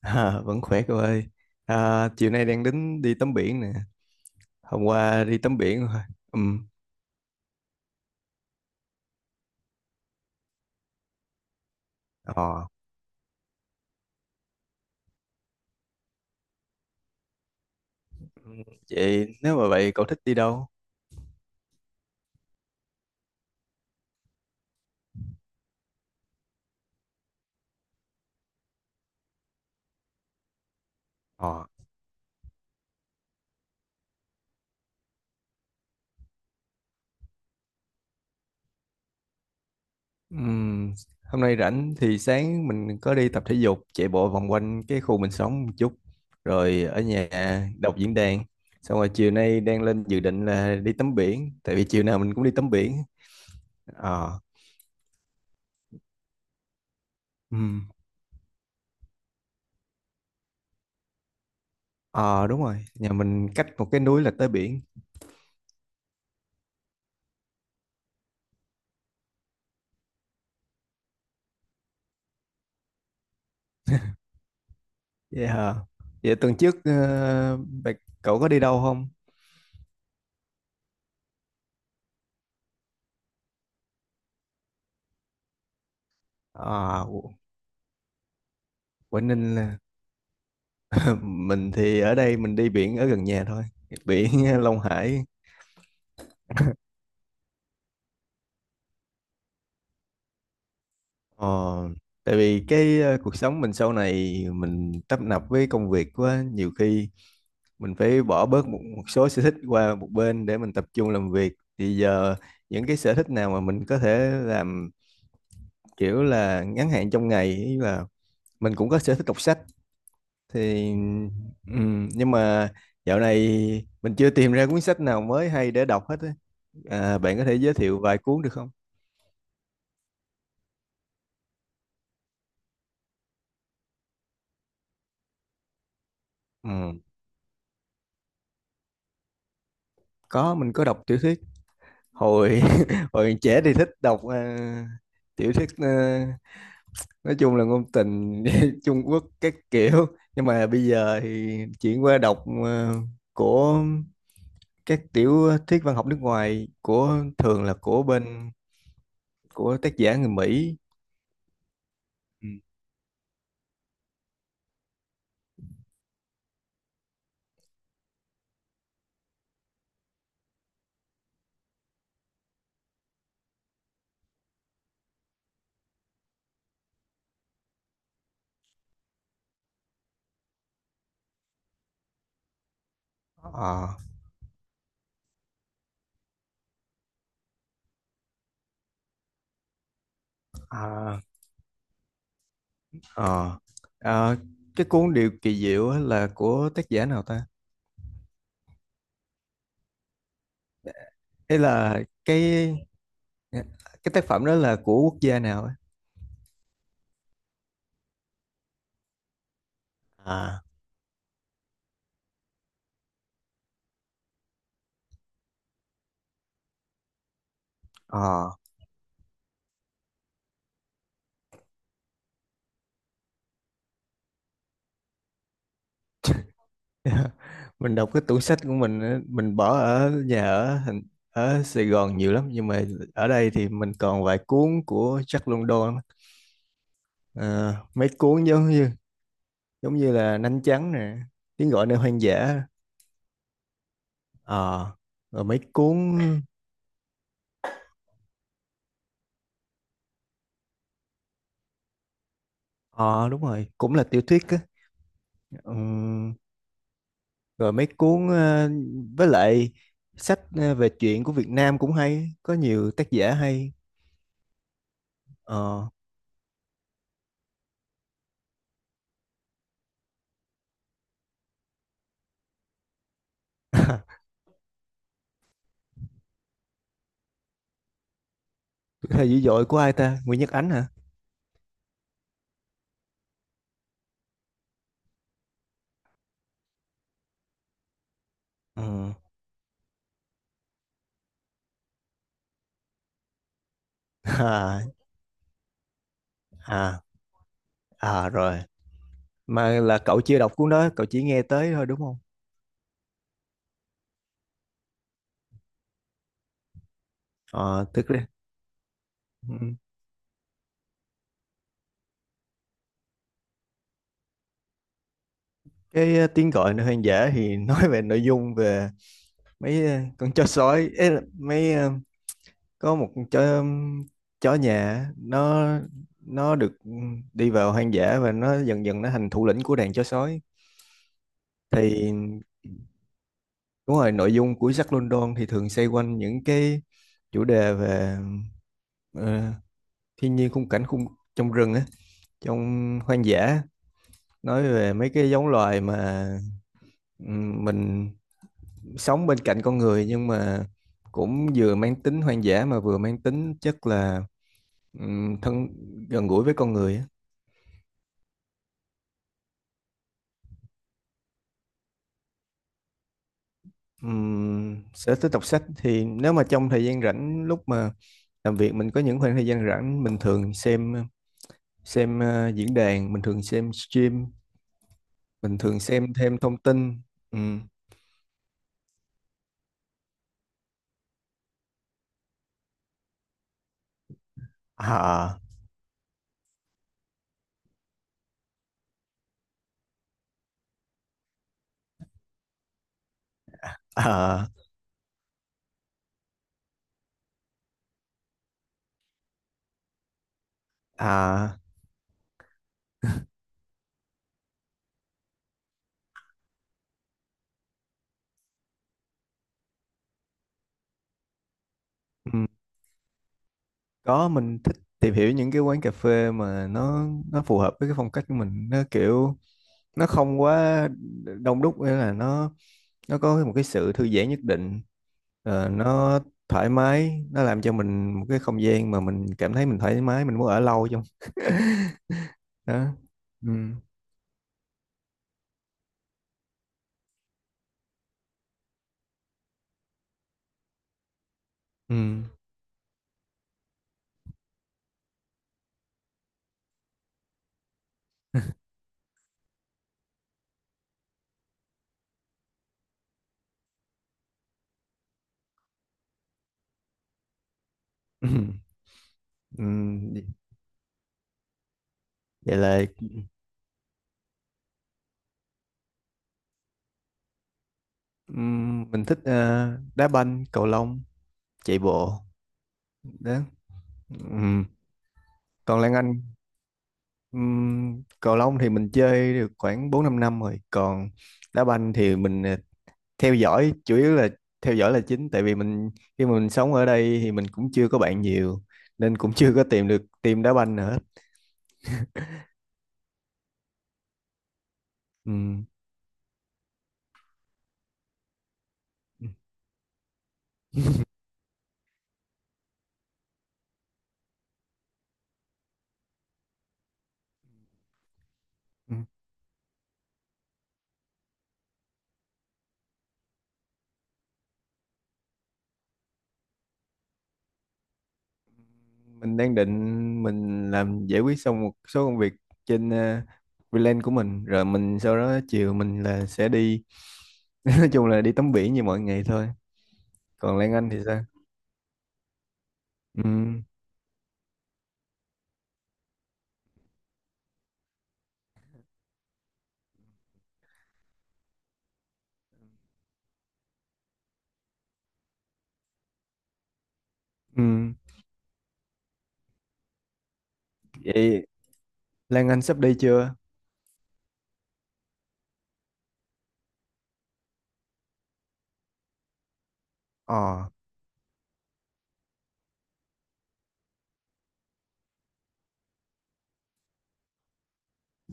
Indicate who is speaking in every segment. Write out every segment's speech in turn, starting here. Speaker 1: À, vẫn khỏe cô ơi. À, chiều nay đang tính đi tắm biển nè. Hôm qua đi tắm biển rồi. Ừm. Ờ. Ừm. Vậy nếu mà vậy cậu thích đi đâu? Ờ. Ừm. Hôm nay rảnh thì sáng mình có đi tập thể dục, chạy bộ vòng quanh cái khu mình sống một chút. Rồi ở nhà đọc diễn đàn. Xong rồi chiều nay đang lên dự định là đi tắm biển, tại vì chiều nào mình cũng đi tắm biển. Ờ. Ừm. Ờ, đúng rồi. Nhà mình cách một cái núi là tới biển. Vậy hả? Vậy tuần trước cậu có đi đâu không? À, Qu- Quảng Ninh là mình thì ở đây mình đi biển ở gần nhà thôi, biển Long Hải. Ờ, tại vì cái cuộc sống mình sau này mình tấp nập với công việc quá, nhiều khi mình phải bỏ bớt một số sở thích qua một bên để mình tập trung làm việc. Thì giờ những cái sở thích nào mà mình có thể làm kiểu là ngắn hạn trong ngày ý là mình cũng có sở thích đọc sách thì nhưng mà dạo này mình chưa tìm ra cuốn sách nào mới hay để đọc hết á. À, bạn có thể giới thiệu vài cuốn được không? Ừ, có, mình có đọc tiểu thuyết hồi hồi trẻ thì thích đọc tiểu thuyết, nói chung là ngôn tình Trung Quốc các kiểu, nhưng mà bây giờ thì chuyển qua đọc của các tiểu thuyết văn học nước ngoài, của thường là của bên của tác giả người Mỹ. Ờ. À. Ờ. À, cái cuốn Điều kỳ diệu á là của tác giả nào ta? Hay là cái tác phẩm đó là của quốc gia nào á? À. Ờ. Mình đọc cái tủ sách của mình á, mình bỏ ở nhà ở thành ở Sài Gòn nhiều lắm, nhưng mà ở đây thì mình còn vài cuốn của Jack London á. Ờ, mấy cuốn giống như là Nanh Trắng nè, Tiếng gọi nơi hoang dã. Ờ, rồi mấy cuốn. Ờ, đúng rồi, cũng là tiểu thuyết á. Ừ. Rồi mấy cuốn với lại sách, về truyện của Việt Nam cũng hay, có nhiều tác giả hay. Ờ, thời dữ dội của ai ta, Nguyễn Nhật Ánh hả? Ừ. À. À. À, rồi. Mà là cậu chưa đọc cuốn đó, cậu chỉ nghe tới thôi đúng không? Ờ, tức là, ừ. Cái tiếng gọi nơi hoang dã thì nói về nội dung về mấy con chó sói ấy, là mấy có một chó chó nhà nó được đi vào hoang dã và nó dần dần nó thành thủ lĩnh của đàn chó sói. Thì đúng rồi, nội dung của Jack London thì thường xoay quanh những cái chủ đề về ờ, thiên nhiên, khung cảnh trong rừng á, trong hoang dã, nói về mấy cái giống loài mà mình sống bên cạnh con người, nhưng mà cũng vừa mang tính hoang dã mà vừa mang tính chất là thân, gần gũi với con người á. Sở thích đọc sách thì nếu mà trong thời gian rảnh lúc mà làm việc mình có những khoảng thời gian rảnh, mình thường xem, diễn đàn, mình thường xem stream, mình thường xem thêm thông tin. Ừm. À. À. À. Ừm. Có, mình thích tìm hiểu những cái quán cà phê mà nó, phù hợp với cái phong cách của mình, nó kiểu nó không quá đông đúc, nghĩa là nó, có một cái sự thư giãn nhất định, nó thoải mái, nó làm cho mình một cái không gian mà mình cảm thấy mình thoải mái, mình muốn ở lâu trong đó. Ừ. Ừ. Ừ. Ừ. Vậy là ừ, mình thích đá banh, cầu lông, chạy bộ, đó. Ừ. Còn Lan Anh? Ừ, cầu lông thì mình chơi được khoảng 4 5 năm rồi, còn đá banh thì mình theo dõi chủ yếu, là theo dõi là chính, tại vì mình khi mà mình sống ở đây thì mình cũng chưa có bạn nhiều, nên cũng chưa có tìm được team đá banh nữa. Ừ. Ừ. Mình đang định mình làm giải quyết xong một số công việc trên freelance của mình, rồi mình sau đó chiều mình là sẽ đi nói chung là đi tắm biển như mọi ngày thôi. Còn Lan Anh thì sao? Ừ. Ừ. Vậy Lan Anh sắp đi chưa? Ờ.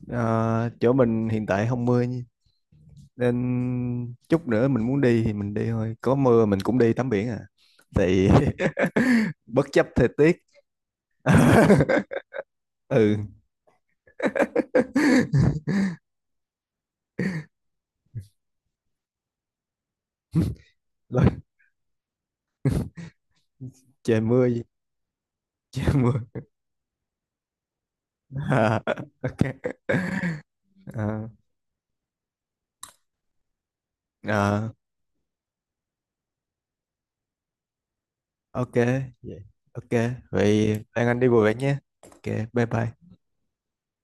Speaker 1: Ờ, chỗ mình hiện tại không mưa, nên chút nữa mình muốn đi thì mình đi thôi, có mưa mình cũng đi tắm biển à, thì bất chấp thời tiết. Ừ. Rồi, trời mưa gì, trời mưa. À, ok. À, à, ok vậy, ok. Vậy Lan Anh đi vui vẻ nhé, ok. Bye bye.